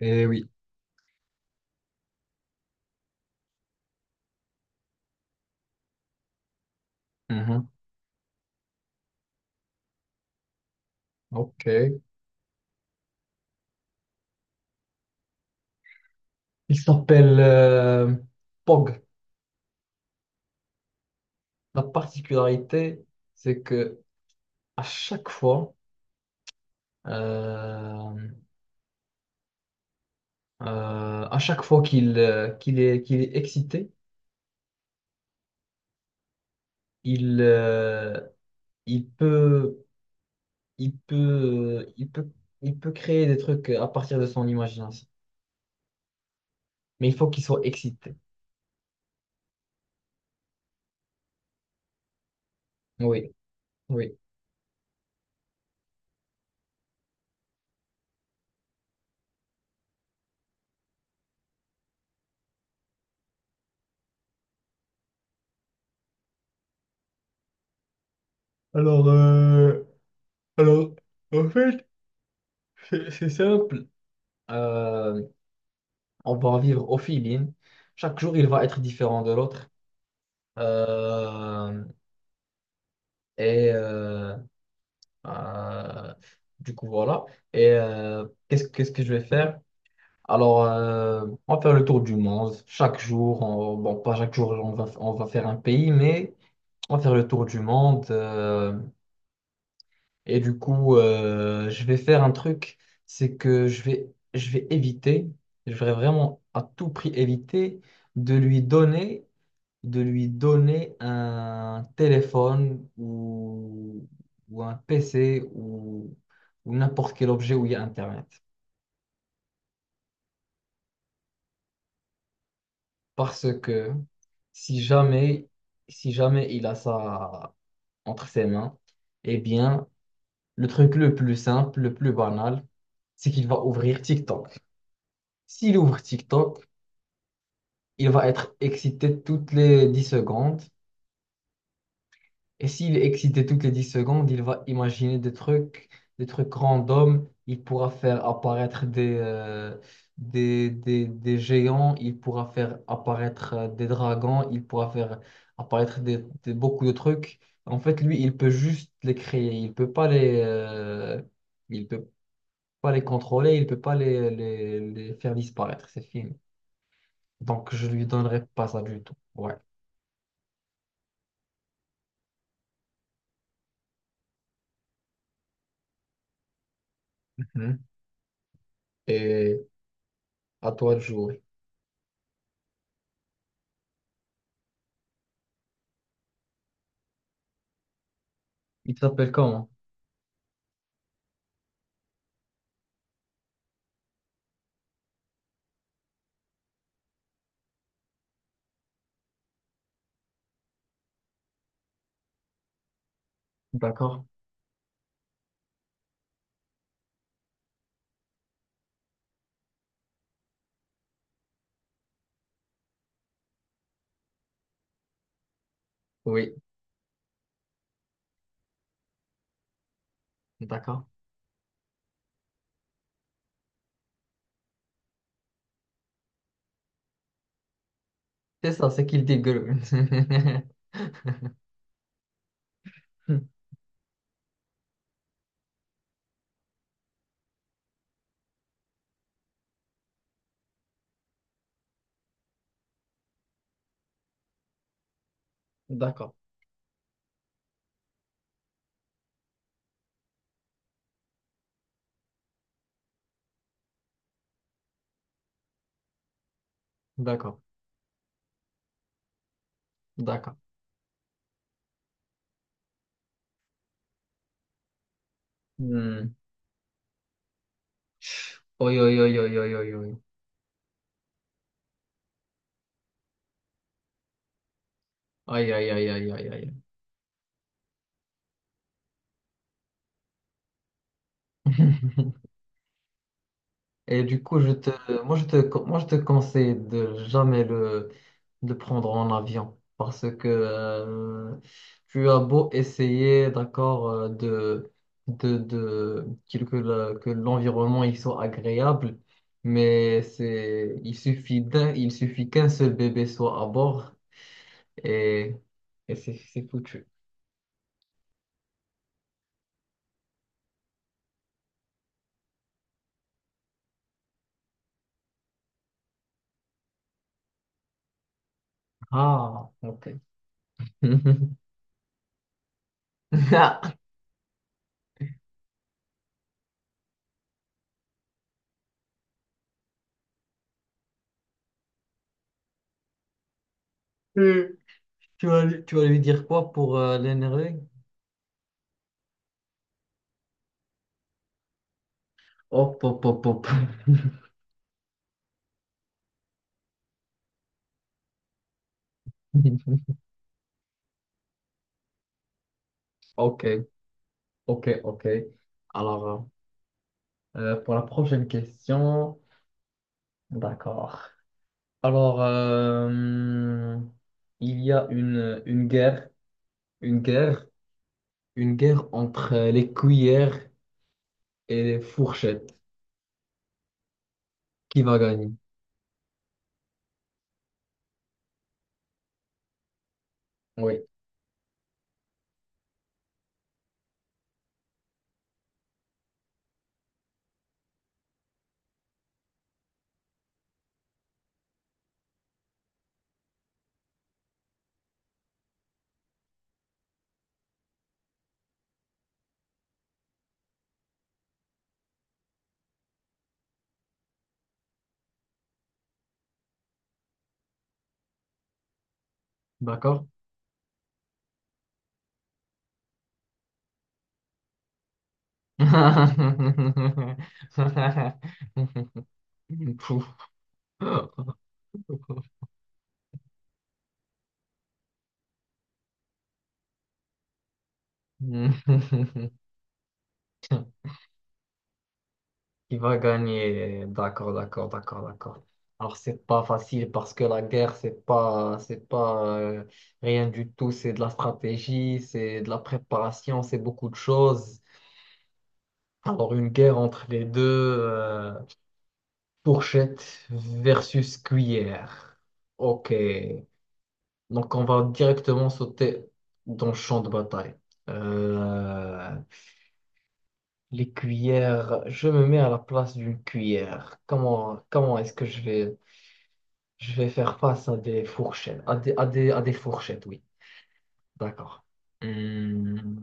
Eh oui. Mhm. Ok. Il s'appelle Pog. La particularité, c'est que à chaque fois, euh, à chaque fois qu'il qu'il est excité, il euh, il peut il peut il peut créer des trucs à partir de son imagination. Mais il faut qu'il soit excité. Oui, oui. Alors, euh, alors, en fait, c'est simple. On va en vivre au feeling. Chaque jour, il va être différent de l'autre. Euh, et euh, euh, du coup, voilà. Et qu'est-ce que je vais faire? Alors, on va faire le tour du monde. Chaque jour, bon, pas chaque jour, on va faire un pays, mais on va faire le tour du monde. Et du coup, je vais faire un truc, c'est que je vais éviter, je vais vraiment à tout prix éviter de lui donner. De lui donner un téléphone ou un PC ou n'importe quel objet où il y a Internet. Parce que si jamais, si jamais il a ça entre ses mains, eh bien, le truc le plus simple, le plus banal, c'est qu'il va ouvrir TikTok. S'il ouvre TikTok, il va être excité toutes les 10 secondes. Et s'il est excité toutes les 10 secondes, il va imaginer des trucs random. Il pourra faire apparaître des géants, il pourra faire apparaître des dragons, il pourra faire apparaître beaucoup de trucs. En fait, lui, il peut juste les créer. Il peut pas les, il peut pas les contrôler, il peut pas les faire disparaître. C'est fini. Donc, je lui donnerai pas ça du tout. Ouais. Mhm. Et à toi de jouer. Il s'appelle comment? D'accord. Oui, d'accord. C'est ça, c'est qu'il dit grue. D'accord, d'accord, d'accord. Hmm. Oi, oi, oi, oi, oi, oi, oi. Aïe, aïe, aïe, aïe, aïe, aïe. Et du coup, moi, je te conseille de jamais de le prendre en avion parce que tu as beau essayer, d'accord, de, que l'environnement il soit agréable, mais c'est, il suffit qu'un seul bébé soit à bord et, et c'est foutu. Ah, ok. Lui tu vas lui dire quoi pour l'énerver? Hop, hop, hop, hop. Ok, ok, ok. Alors, pour la prochaine question, d'accord. Alors, il y a une guerre, une guerre, une guerre entre les cuillères et les fourchettes. Qui va gagner? Oui, d'accord? Pouf. Qui va gagner? D'accord, d'accord, d'accord, d'accord. Alors, c'est pas facile parce que la guerre, c'est pas rien du tout. C'est de la stratégie, c'est de la préparation, c'est beaucoup de choses. Alors, une guerre entre les deux, euh, fourchette versus cuillère. Ok. Donc, on va directement sauter dans le champ de bataille. Euh, les cuillères, je me mets à la place d'une cuillère. Comment est-ce que je vais. Je vais faire face à des fourchettes. À des fourchettes, oui. D'accord. Hmm,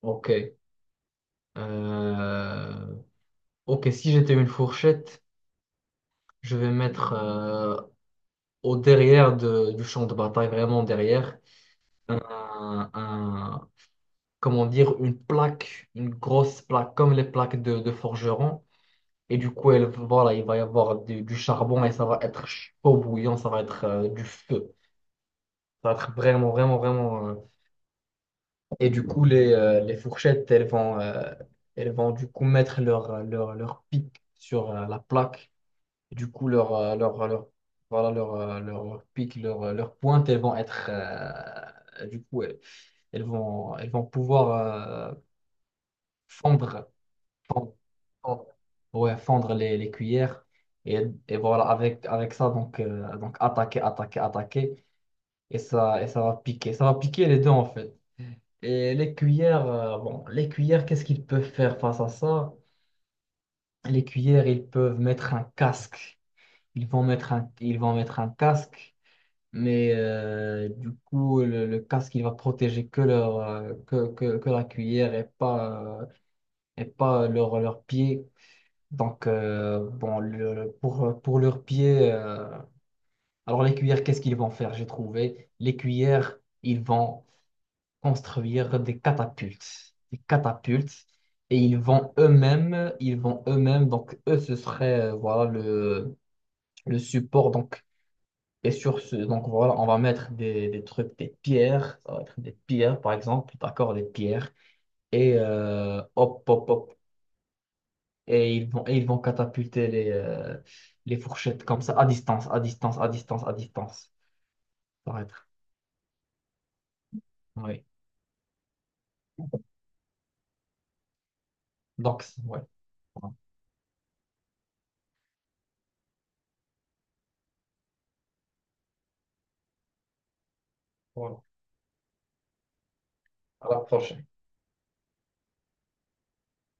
ok. Euh, ok, si j'étais une fourchette, je vais mettre au derrière du champ de bataille, vraiment derrière, un, un- comment dire, une grosse plaque, comme les plaques de forgeron. Et du coup, elle, voilà, il va y avoir du charbon et ça va être chaud bouillant, ça va être du feu. Ça va être vraiment. Et du coup, les fourchettes, elles vont du coup mettre leur pic sur la plaque. Et du coup, leur pic, leur pointe, elles vont être. Du coup, elles vont pouvoir fendre, fendre, fendre- ouais, fondre les cuillères. Et, et voilà, avec ça, donc attaquer. Et ça va piquer. Ça va piquer les deux, en fait. Et les cuillères, bon, les cuillères, qu'est-ce qu'ils peuvent faire face à ça? Les cuillères, ils peuvent mettre un casque. Ils vont mettre un casque, mais du coup, le casque, il va protéger que leur, que la cuillère et pas leur, leur pied. Donc, bon, pour leurs pieds, alors les cuillères, qu'est-ce qu'ils vont faire? J'ai trouvé. Les cuillères, ils vont construire des catapultes. Des catapultes. Et ils vont eux-mêmes, donc eux, ce serait voilà, le support. Donc, et sur ce, donc voilà, on va mettre des trucs, des pierres, ça va être des pierres par exemple, d'accord, des pierres. Et hop, hop, hop. Et ils vont catapulter les fourchettes comme ça, à distance, à distance, à distance, à distance. Ça va être. Oui. Donc, ouais. Voilà. Voilà. À la prochaine.